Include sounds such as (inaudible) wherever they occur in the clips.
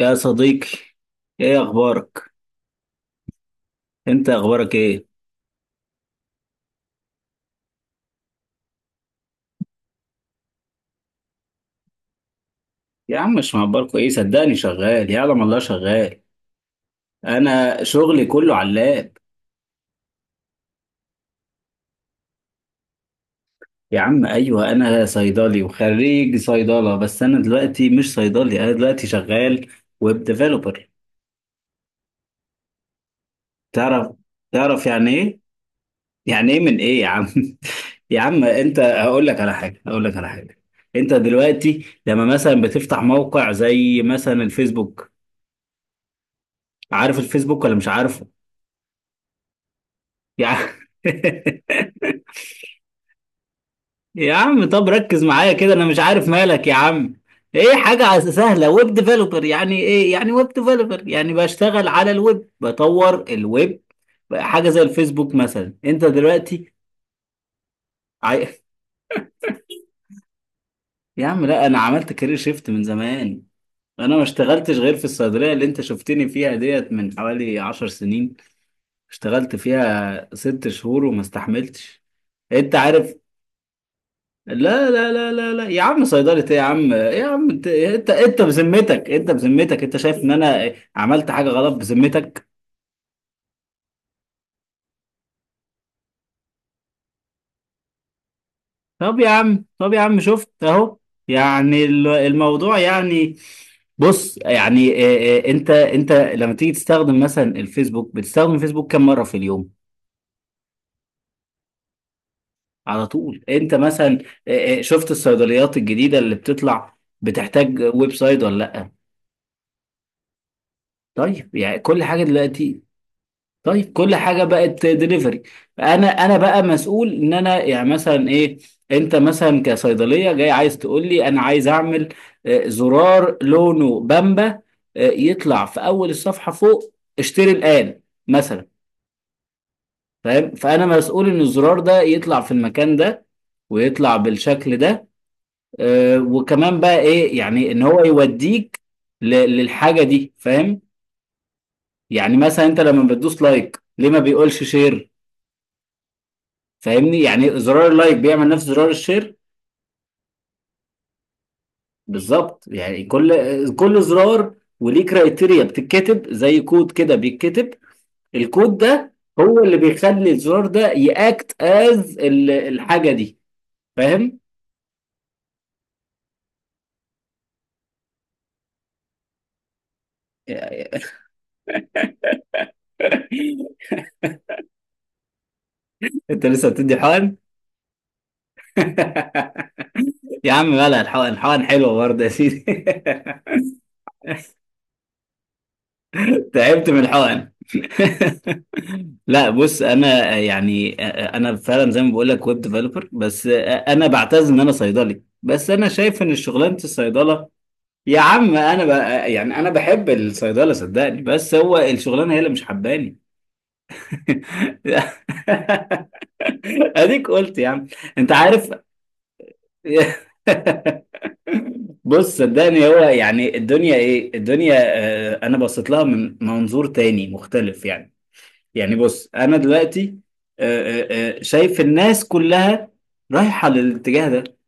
يا صديقي. ايه اخبارك انت اخبارك ايه؟ يا عم مش مهبل ايه، صدقني شغال، يعلم الله شغال. انا شغلي كله علاق. يا عم ايوه، انا صيدلي وخريج صيدله، بس انا دلوقتي مش صيدلي، انا دلوقتي شغال ويب ديفلوبر. تعرف تعرف يعني ايه؟ يعني ايه من ايه يا عم؟ (laughs) يا عم انت هقول لك على حاجه، هقول لك على حاجه. انت دلوقتي لما مثلا بتفتح موقع زي مثلا الفيسبوك، عارف الفيسبوك ولا مش عارفه؟ يعني. (laughs) يا عم طب ركز معايا كده، انا مش عارف مالك يا عم. ايه، حاجة سهلة. ويب ديفلوبر يعني ايه؟ يعني ويب ديفلوبر يعني بشتغل على الويب، بطور الويب. حاجة زي الفيسبوك مثلا، انت دلوقتي عاي... يا عم لا، انا عملت كارير شيفت من زمان. انا ما اشتغلتش غير في الصيدلية اللي انت شفتني فيها ديت من حوالي 10 سنين. اشتغلت فيها 6 شهور وما استحملتش. انت عارف. لا لا لا لا لا يا عم، صيدلة ايه يا عم، إيه يا عم؟ انت بذمتك، انت انت شايف ان انا عملت حاجة غلط؟ بذمتك. طب يا عم شفت اهو، يعني الموضوع يعني، بص يعني. إيه انت لما تيجي تستخدم مثلا الفيسبوك، بتستخدم الفيسبوك كم مرة في اليوم؟ على طول، انت مثلا. إيه شفت الصيدليات الجديدة اللي بتطلع بتحتاج ويب سايت ولا لا؟ طيب يعني كل حاجة دلوقتي، طيب كل حاجه بقت دليفري. انا بقى مسؤول ان انا يعني مثلا، ايه، انت مثلا كصيدليه جاي عايز تقول لي انا عايز اعمل، زرار لونه بامبا، يطلع في اول الصفحه فوق، اشتري الان مثلا. فاهم؟ فانا مسؤول ان الزرار ده يطلع في المكان ده ويطلع بالشكل ده. وكمان بقى ايه، يعني ان هو يوديك ل- للحاجه دي. فاهم؟ يعني مثلا انت لما بتدوس لايك، ليه ما بيقولش شير؟ فاهمني؟ يعني زرار اللايك بيعمل نفس زرار الشير بالظبط. يعني كل زرار وليه كرايتيريا بتتكتب زي كود كده، بيتكتب. الكود ده هو اللي بيخلي الزرار ده ياكت از الحاجه دي. فاهم؟ (laughs) انت لسه بتدي حقن؟ (laughs) يا عم مالها الحقن، الحقن حلوه برضه يا سيدي. (laughs) تعبت من الحقن؟ (laughs) لا بص انا يعني، انا فعلا زي ما بقول لك ويب ديفلوبر، بس انا بعتز ان انا صيدلي، بس انا شايف ان شغلانه الصيدله، يا عم انا يعني انا بحب الصيدله صدقني، بس هو الشغلانه هي اللي مش حباني. (laughs) اديك قلت يا عم. انت عارف. (laughs) بص صدقني، هو يعني الدنيا، ايه الدنيا؟ انا بصيت لها من منظور تاني مختلف يعني. يعني بص انا دلوقتي، شايف الناس كلها رايحه للاتجاه ده،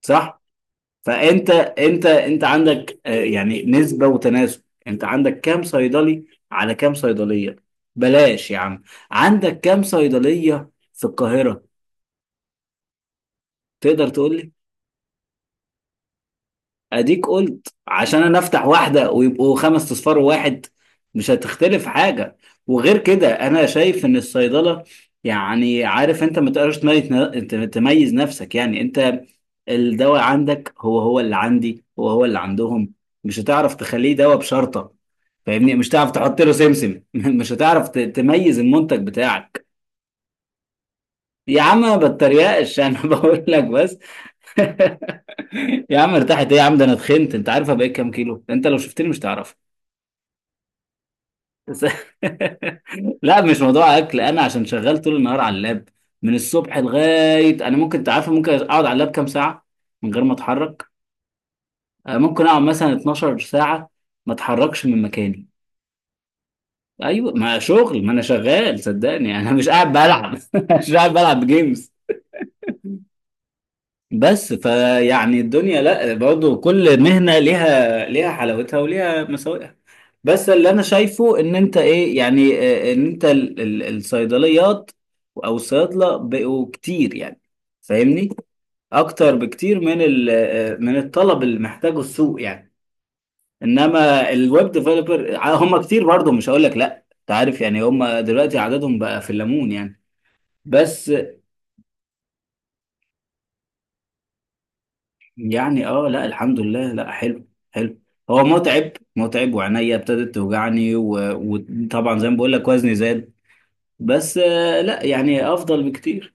صح؟ فانت انت انت عندك، يعني نسبه وتناسب، انت عندك كام صيدلي على كام صيدليه؟ بلاش يا عم، عندك كام صيدليه في القاهره، تقدر تقول لي؟ اديك قلت. عشان انا افتح واحده ويبقوا خمس اصفار واحد، مش هتختلف حاجه. وغير كده، انا شايف ان الصيدله يعني، عارف انت، ما تقدرش تميز تميز نفسك. يعني انت الدواء عندك هو هو اللي عندي، هو هو اللي عندهم، مش هتعرف تخليه دواء بشرطه. فاهمني؟ مش هتعرف تحط له سمسم. (laughs) مش هتعرف تميز المنتج بتاعك. يا عم ما بتريقش. (laughs) انا بقول لك بس. (laughs) يا عم ارتحت ايه يا عم؟ ده انا اتخنت، انت عارف؟ أنا بقيت كام كيلو، انت لو شفتني مش تعرف. بس. (laughs) لا مش موضوع اكل، انا عشان شغال طول النهار على اللاب. من الصبح لغايه، انا ممكن، تعرف، ممكن اقعد على اللاب كام ساعه من غير ما اتحرك. ممكن اقعد مثلا 12 ساعه ما اتحركش من مكاني. ايوه، ما شغل، ما انا شغال صدقني. يعني انا مش قاعد بلعب، (laughs) مش قاعد بلعب جيمز. بس فيعني الدنيا، لا برضه كل مهنه ليها حلاوتها وليها مساوئها. بس اللي انا شايفه ان انت، ايه يعني، ان انت الصيدليات او الصيادله بقوا كتير يعني، فاهمني؟ اكتر بكتير من من الطلب اللي محتاجه السوق يعني. انما الويب ديفلوبر هم كتير برضه، مش هقول لك لا، انت عارف، يعني هم دلوقتي عددهم بقى في الليمون يعني. بس. يعني اه لا، الحمد لله، لا حلو حلو. هو متعب متعب، وعينيا ابتدت توجعني، وطبعا زي ما بقول لك، وزني زاد. بس لا يعني افضل بكتير.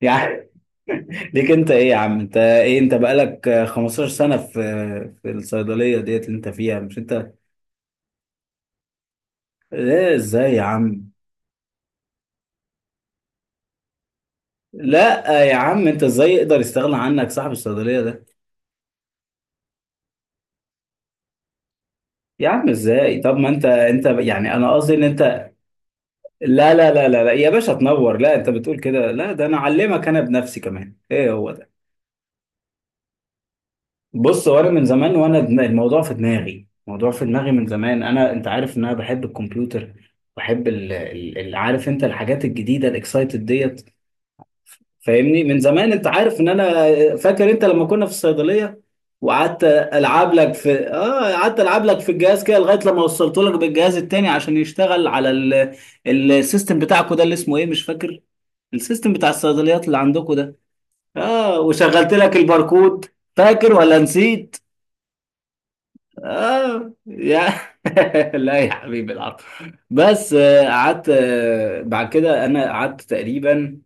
يعني. (laughs) ليك انت ايه يا عم، انت ايه، انت بقالك 15 سنة في الصيدلية ديت اللي انت فيها، مش انت؟ ايه ازاي يا عم؟ لا يا عم انت، ازاي يقدر يستغنى عنك صاحب الصيدلية ده؟ يا عم ازاي؟ طب ما انت يعني، انا قصدي ان انت، لا لا لا لا لا يا باشا تنور، لا انت بتقول كده، لا ده انا اعلمك انا بنفسي كمان، ايه هو ده. بص، وانا من زمان وانا الموضوع في دماغي، الموضوع في دماغي من زمان. انا، انت عارف ان انا بحب الكمبيوتر، بحب عارف انت الحاجات الجديده، الاكسايتد ديت. فاهمني؟ من زمان انت عارف ان انا، فاكر انت لما كنا في الصيدليه وقعدت العب لك في، قعدت العب لك في الجهاز كده لغايه لما وصلت لك بالجهاز التاني عشان يشتغل على السيستم بتاعكو ده اللي اسمه ايه، مش فاكر، السيستم بتاع الصيدليات اللي عندكو ده. اه، وشغلت لك الباركود، فاكر ولا نسيت؟ آه يا (laughs) لا يا حبيبي العرب. بس قعدت، بعد كده انا قعدت تقريبا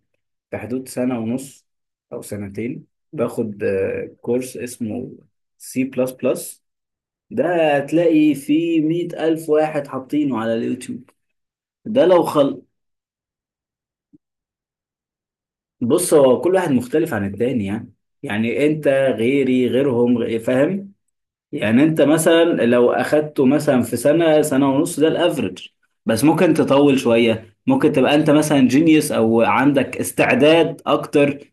في حدود سنة ونص او سنتين باخد كورس اسمه سي بلس بلس. ده هتلاقي فيه 100 ألف واحد حاطينه على اليوتيوب. ده لو خل، بص هو كل واحد مختلف عن التاني يعني. يعني انت، غيري غيرهم، فاهم؟ يعني انت مثلا لو اخدته مثلا في سنه، سنه ونص، ده الافرج. بس ممكن تطول شويه، ممكن تبقى انت مثلا جينيوس او عندك استعداد اكتر،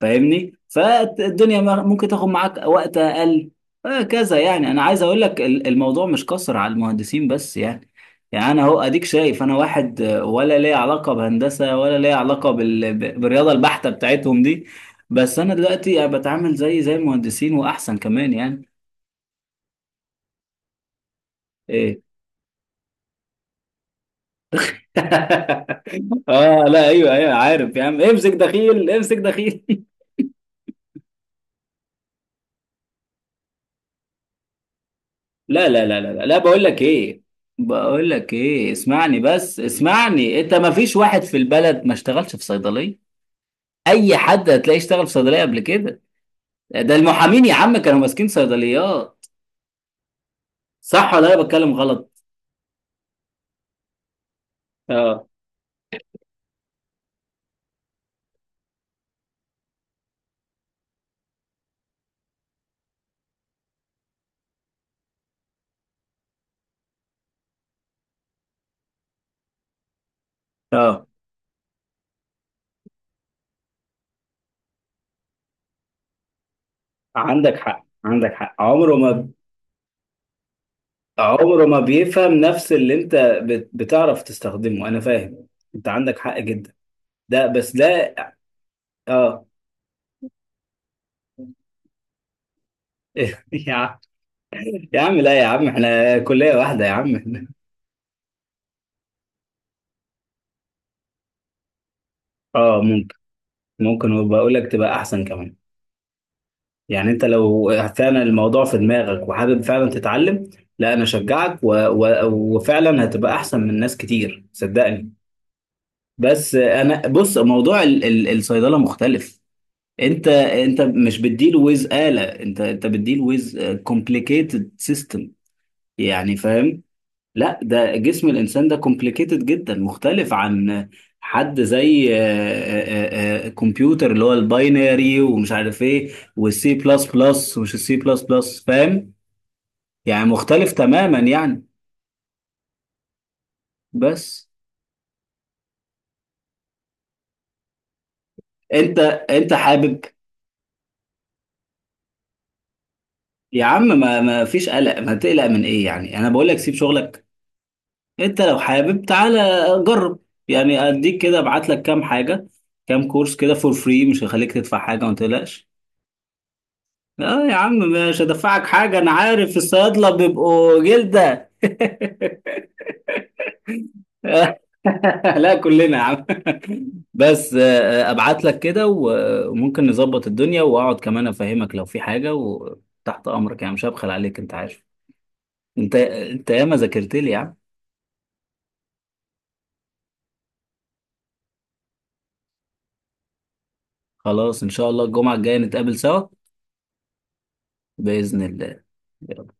فاهمني؟ فالدنيا، ممكن تاخد معاك وقت اقل. هكذا. يعني انا عايز اقول لك الموضوع مش قصر على المهندسين بس يعني. يعني انا اهو اديك، شايف انا واحد ولا ليه علاقه بهندسه، ولا ليه علاقه بالرياضه البحته بتاعتهم دي؟ بس انا دلوقتي يعني بتعامل زي المهندسين واحسن كمان يعني. إيه،. اه لا، ايوه ايوه، عارف يا عم، امسك دخيل امسك دخيل. (laughs) لا لا لا لا لا لا، بقول لك ايه، بقول لك ايه، اسمعني بس، اسمعني. انت ما فيش واحد في البلد ما اشتغلش في صيدليه. اي حد هتلاقيه اشتغل في صيدليه قبل كده. ده المحامين يا عم كانوا ماسكين صيدليات، صح ولا انا بتكلم غلط؟ اه اه، عندك حق، عندك حق. عمره ما، عمره ما بيفهم نفس اللي انت بتعرف تستخدمه، انا فاهم. انت عندك حق جدا. ده بس ده. اه. (laughs) يا عم، يا عم لا، يا عم احنا كلية واحدة يا عم. اه ممكن، ممكن، وبقول لك تبقى احسن كمان. يعني انت لو فعلا الموضوع في دماغك وحابب فعلا تتعلم، لا انا اشجعك، وفعلا هتبقى احسن من ناس كتير صدقني. بس انا بص، موضوع الصيدلة مختلف. انت مش بتديل ويز آلة، انت بتديل ويز كومبليكيتد سيستم. يعني فاهم؟ لا ده جسم الانسان ده كومبليكيتد جدا، مختلف عن حد زي، كمبيوتر اللي هو الباينري ومش عارف ايه، والسي بلس بلس ومش السي بلس بلس، فاهم؟ يعني مختلف تماما يعني. بس انت انت حابب. يا عم ما فيش قلق، ما تقلق من ايه؟ يعني انا بقول لك سيب شغلك، انت لو حابب تعالى جرب. يعني اديك كده، ابعت لك كام حاجة، كام كورس كده فور فري، مش هخليك تدفع حاجة، ما تقلقش. اه. يا عم مش هدفعك حاجة، أنا عارف الصيادلة بيبقوا جلدة. (laughs) لا كلنا يا عم. بس أبعت لك كده، وممكن نظبط الدنيا، وأقعد كمان أفهمك لو في حاجة، وتحت أمرك يعني، مش هبخل عليك أنت عارف. أنت ياما ذاكرت لي يا عم. خلاص إن شاء الله الجمعة الجاية نتقابل سوا. بإذن الله. يلا.